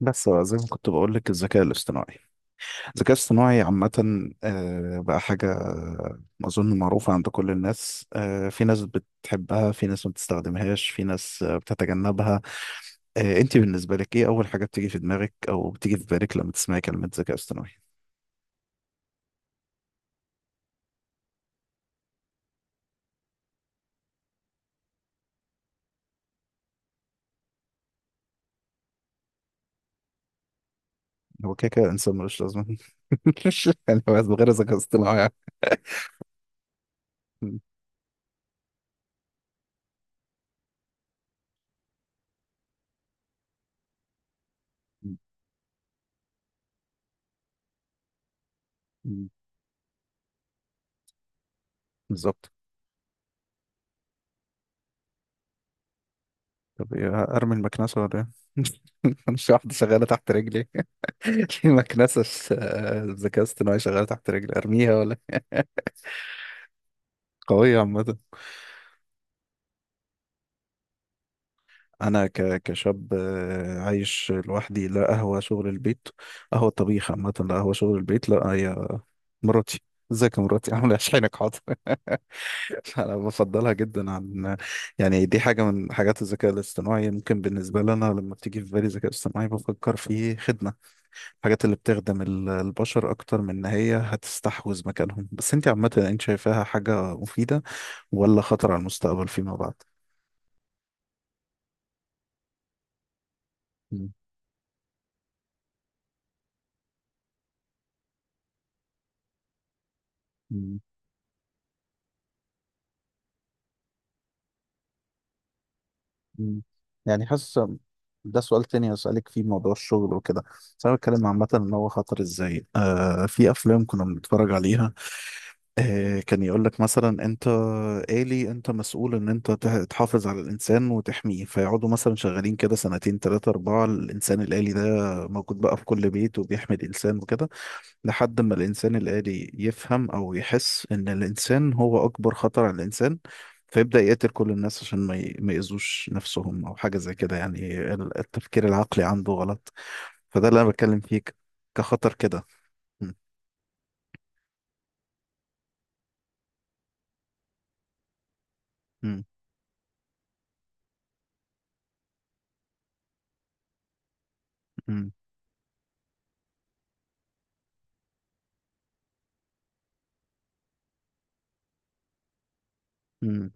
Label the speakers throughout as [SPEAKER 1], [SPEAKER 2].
[SPEAKER 1] بس بقى زي ما كنت بقول لك الذكاء الاصطناعي عامة، بقى حاجة أظن معروفة عند كل الناس. في ناس بتحبها، في ناس ما بتستخدمهاش، في ناس بتتجنبها. أنت بالنسبة لك إيه أول حاجة بتيجي في دماغك أو بتيجي في بالك لما تسمعي كلمة ذكاء اصطناعي؟ هو كده كده إنسان ملوش لازمة. يعني هو من غير ذكاء اصطناعي. م- م- بالظبط. طب إيه، أرمي المكنسة ولا إيه؟ مش واحدة شغالة تحت رجلي. في مكنسة ذكاء اصطناعي شغالة تحت رجلي، ارميها ولا؟ قوية عامة. أنا كشاب عايش لوحدي، لا قهوة شغل البيت، قهوة طبيخ عامة، لا قهوة شغل البيت، لا هي مراتي. ازيك يا مراتي؟ عاملة ايه؟ شحنك حاضر؟ أنا بفضلها جدا عن، يعني دي حاجة من حاجات الذكاء الاصطناعي. ممكن بالنسبة لنا لما بتيجي في بالي ذكاء اصطناعي بفكر في خدمة، الحاجات اللي بتخدم البشر أكتر من إن هي هتستحوذ مكانهم. بس أنت عامة أنت شايفاها حاجة مفيدة ولا خطر على المستقبل فيما بعد؟ مم. مم. مم. يعني حاسس، ده سؤال تاني هسألك فيه موضوع الشغل وكده، بس أنا بتكلم عامة إن هو خطر إزاي. في أفلام كنا بنتفرج عليها كان يقول لك مثلا أنت آلي، أنت مسؤول إن أنت تحافظ على الإنسان وتحميه، فيقعدوا مثلا شغالين كده سنتين، تلاتة، أربعة، الإنسان الآلي ده موجود بقى في كل بيت وبيحمي الإنسان وكده، لحد ما الإنسان الآلي يفهم أو يحس إن الإنسان هو أكبر خطر على الإنسان، فيبدأ يقتل كل الناس عشان ما يأذوش نفسهم أو حاجة زي كده. يعني التفكير العقلي عنده غلط، فده اللي أنا بتكلم فيه كخطر كده. م- م- م- م-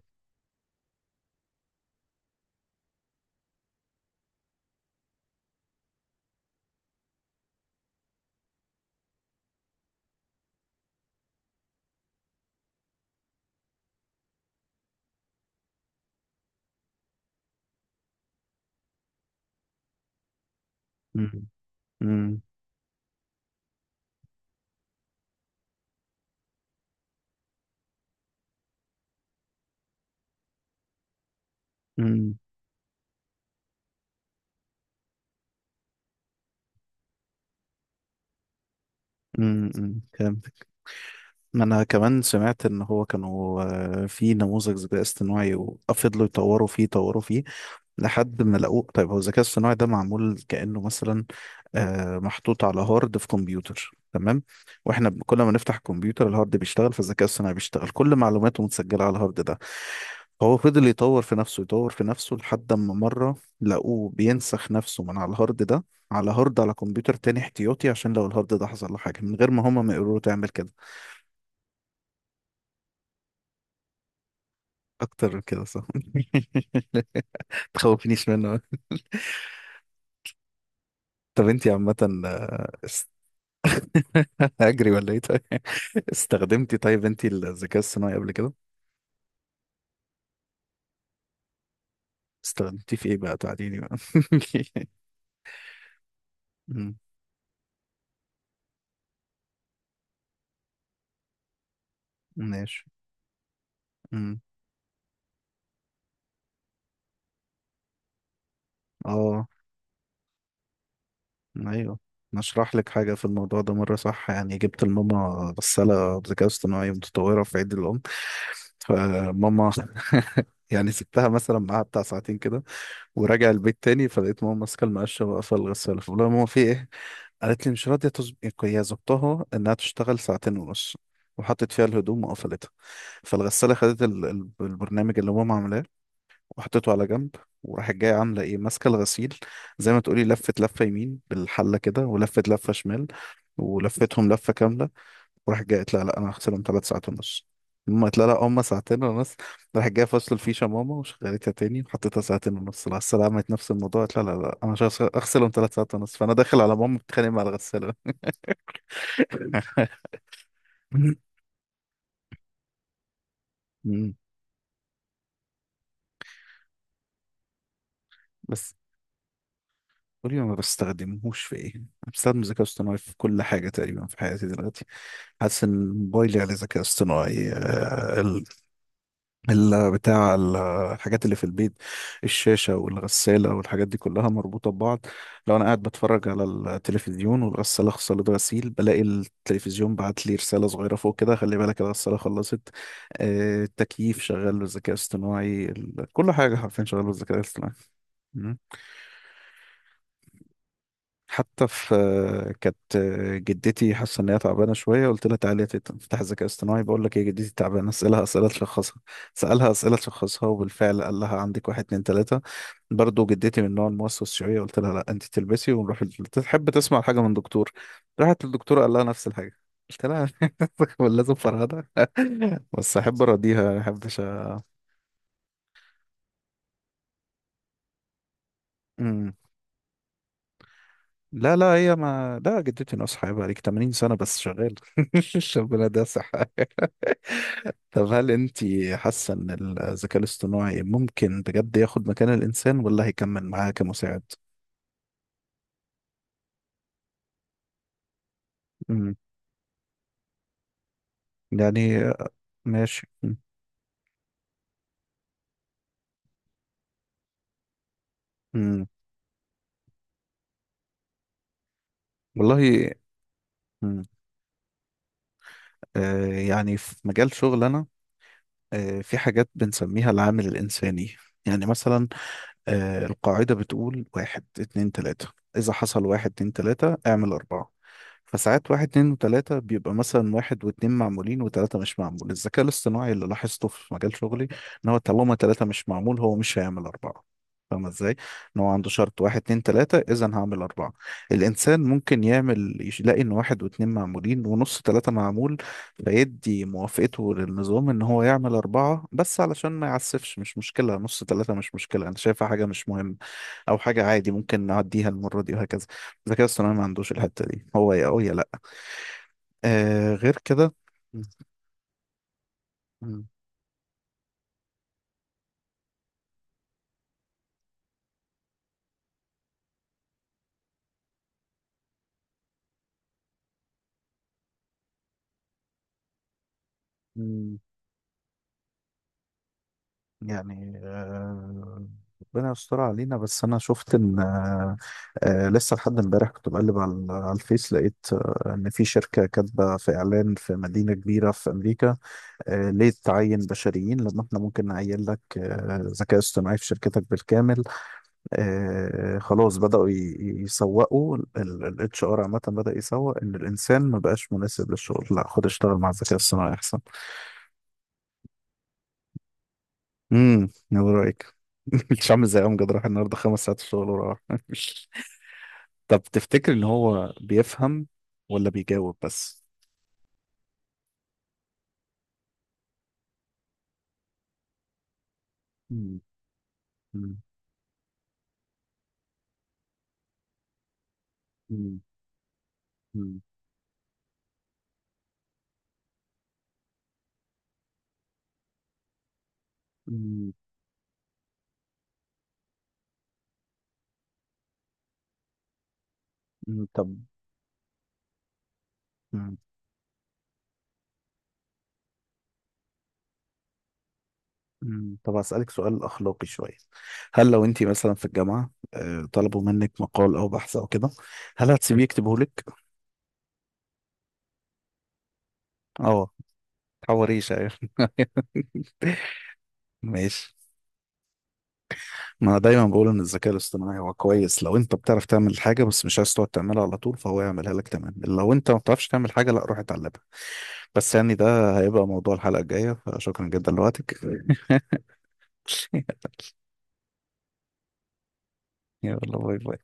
[SPEAKER 1] م- م- م- م. فهمت. ما أنا كمان سمعت إن هو كانوا في نموذج ذكاء اصطناعي، وفضلوا يطوروا فيه يطوروا فيه لحد ما لقوه. طيب هو الذكاء الصناعي ده معمول كأنه مثلا محطوط على هارد في كمبيوتر، تمام؟ واحنا كل ما نفتح الكمبيوتر الهارد بيشتغل، فالذكاء الصناعي بيشتغل، كل معلوماته متسجلة على الهارد ده. هو فضل يطور في نفسه يطور في نفسه لحد ما مرة لقوه بينسخ نفسه من على الهارد ده، على هارد على كمبيوتر تاني احتياطي، عشان لو الهارد ده حصل له حاجة، من غير ما هما ما يقولوا له تعمل كده. أكتر من كده صح؟ تخوفنيش منه. طب انتي عامة، آه، اجري ولا ايه؟ طيب استخدمتي، طيب انت الذكاء الصناعي قبل كده؟ استخدمتي في ايه بقى، تعديني بقى. أمم، ماشي. أمم، اه، ايوه، نشرح لك حاجة في الموضوع ده مرة، صح؟ يعني جبت لماما غسالة بذكاء اصطناعي متطورة في عيد الأم، فماما يعني سبتها مثلا معاها بتاع ساعتين كده وراجع البيت تاني، فلقيت ماما ماسكه المقشه واقفه الغساله. فبقول لها ماما في ايه؟ قالت لي مش راضيه هي ظبطها انها تشتغل ساعتين ونص وحطت فيها الهدوم وقفلتها، فالغساله خدت البرنامج اللي ماما عاملاه وحطيته على جنب، وراحت جايه عامله ايه ماسكه الغسيل، زي ما تقولي لفت لفه يمين بالحله كده ولفت لفه شمال ولفتهم لفه كامله، وراحت جايه قالت لها لا، انا هغسلهم 3 ساعات ونص. ماما قالت لها لا، هما ساعتين ونص. راحت جايه فصل الفيشه ماما وشغلتها تاني وحطيتها ساعتين ونص. لا السلام، عملت نفس الموضوع، قالت لها لا لا، انا مش هغسلهم 3 ساعات ونص. فانا داخل على ماما بتتخانق مع الغساله. مم. بس قولي، ما بستخدمهوش في ايه؟ انا بستخدم الذكاء الاصطناعي في كل حاجه تقريبا في حياتي دلوقتي. حاسس ان موبايلي عليه ذكاء اصطناعي، ال- بتاع ال- الحاجات اللي في البيت، الشاشة والغسالة والحاجات دي كلها مربوطة ببعض. لو أنا قاعد بتفرج على التلفزيون والغسالة خلصت غسيل، بلاقي التلفزيون بعت لي رسالة صغيرة فوق كده: خلي بالك الغسالة خلصت. التكييف شغال بالذكاء الاصطناعي، كل حاجة حرفيا شغال بالذكاء الاصطناعي. مم. حتى في، كانت جدتي حاسه ان هي تعبانه شويه. قلت لها تعالي تفتح ذكاء اصطناعي بقول لك ايه، جدتي تعبانه، اسالها اسئله تشخصها. سالها اسئله تشخصها وبالفعل قال لها عندك واحد، اتنين، تلاته. برضه جدتي من النوع الموسوس شويه، قلت لها لا، انت تلبسي ونروح تحب تسمع حاجه من دكتور. راحت للدكتور قال لها نفس الحاجه. قلت لها لازم فرهدة، بس احب اراضيها، ما احبش. أ- لا لا، هي ما لا، جدتي ناصحة بقى لك 80 سنة بس شغال. ربنا، ده صحة. طب هل انت حاسة ان الذكاء الاصطناعي ممكن بجد ياخد مكان الانسان ولا هيكمل معاه كمساعد؟ امم يعني. ماشي. امم والله. امم يعني في مجال شغل انا، في حاجات بنسميها العامل الانساني. يعني مثلا، القاعدة بتقول واحد، اتنين، تلاتة، إذا حصل واحد، اتنين، تلاتة، اعمل أربعة. فساعات واحد، اتنين، وتلاتة، بيبقى مثلا واحد واتنين معمولين وتلاتة مش معمول. الذكاء الاصطناعي اللي لاحظته في مجال شغلي إن هو طالما تلاتة مش معمول هو مش هيعمل أربعة. فاهمة إزاي؟ إن هو عنده شرط: واحد، اتنين، تلاتة، إذا هعمل أربعة. الإنسان ممكن يعمل يلاقي إن واحد واتنين معمولين ونص تلاتة معمول، فيدي موافقته للنظام ان هو يعمل اربعة بس علشان ما يعسفش. مش مشكلة نص ثلاثة، مش مشكلة، انا شايفها حاجة مش مهمة او حاجة عادي ممكن نعديها المرة دي وهكذا. الذكاء الاصطناعي ما عندوش الحتة دي، هو يا او يا لا، غير كده. م- م- م- يعني، ربنا يستر علينا. بس انا شفت ان، لسه لحد امبارح كنت بقلب على الفيس لقيت ان في شركة كاتبة في اعلان في مدينة كبيرة في امريكا: ليه تعين بشريين لما احنا ممكن نعين لك ذكاء اصطناعي في شركتك بالكامل. خلاص بدأوا يسوقوا HR. عامة بدأ يسوق ان الانسان ما بقاش مناسب للشغل، لا خد اشتغل مع الذكاء الصناعي احسن. ايه رأيك؟ مش عامل زي امجد راح النهارده 5 ساعات الشغل وراح. طب تفتكر ان هو بيفهم ولا بيجاوب بس؟ مم. مم. مم. مم. مم. مم. طب. مم. طب هسألك سؤال أخلاقي شوية. هل لو أنت مثلا في الجامعة طلبوا منك مقال أو بحث أو كده، هل هتسيبيه يكتبه لك؟ أه، تحوريش أيوه. ماشي. ما أنا دايما بقول إن الذكاء الاصطناعي هو كويس لو أنت بتعرف تعمل حاجة بس مش عايز تقعد تعملها على طول، فهو يعملها لك، تمام. لو أنت ما بتعرفش تعمل حاجة، لا، روح اتعلمها. بس يعني ده هيبقى موضوع الحلقة الجاية، فشكرا جدا لوقتك. يلا، باي باي.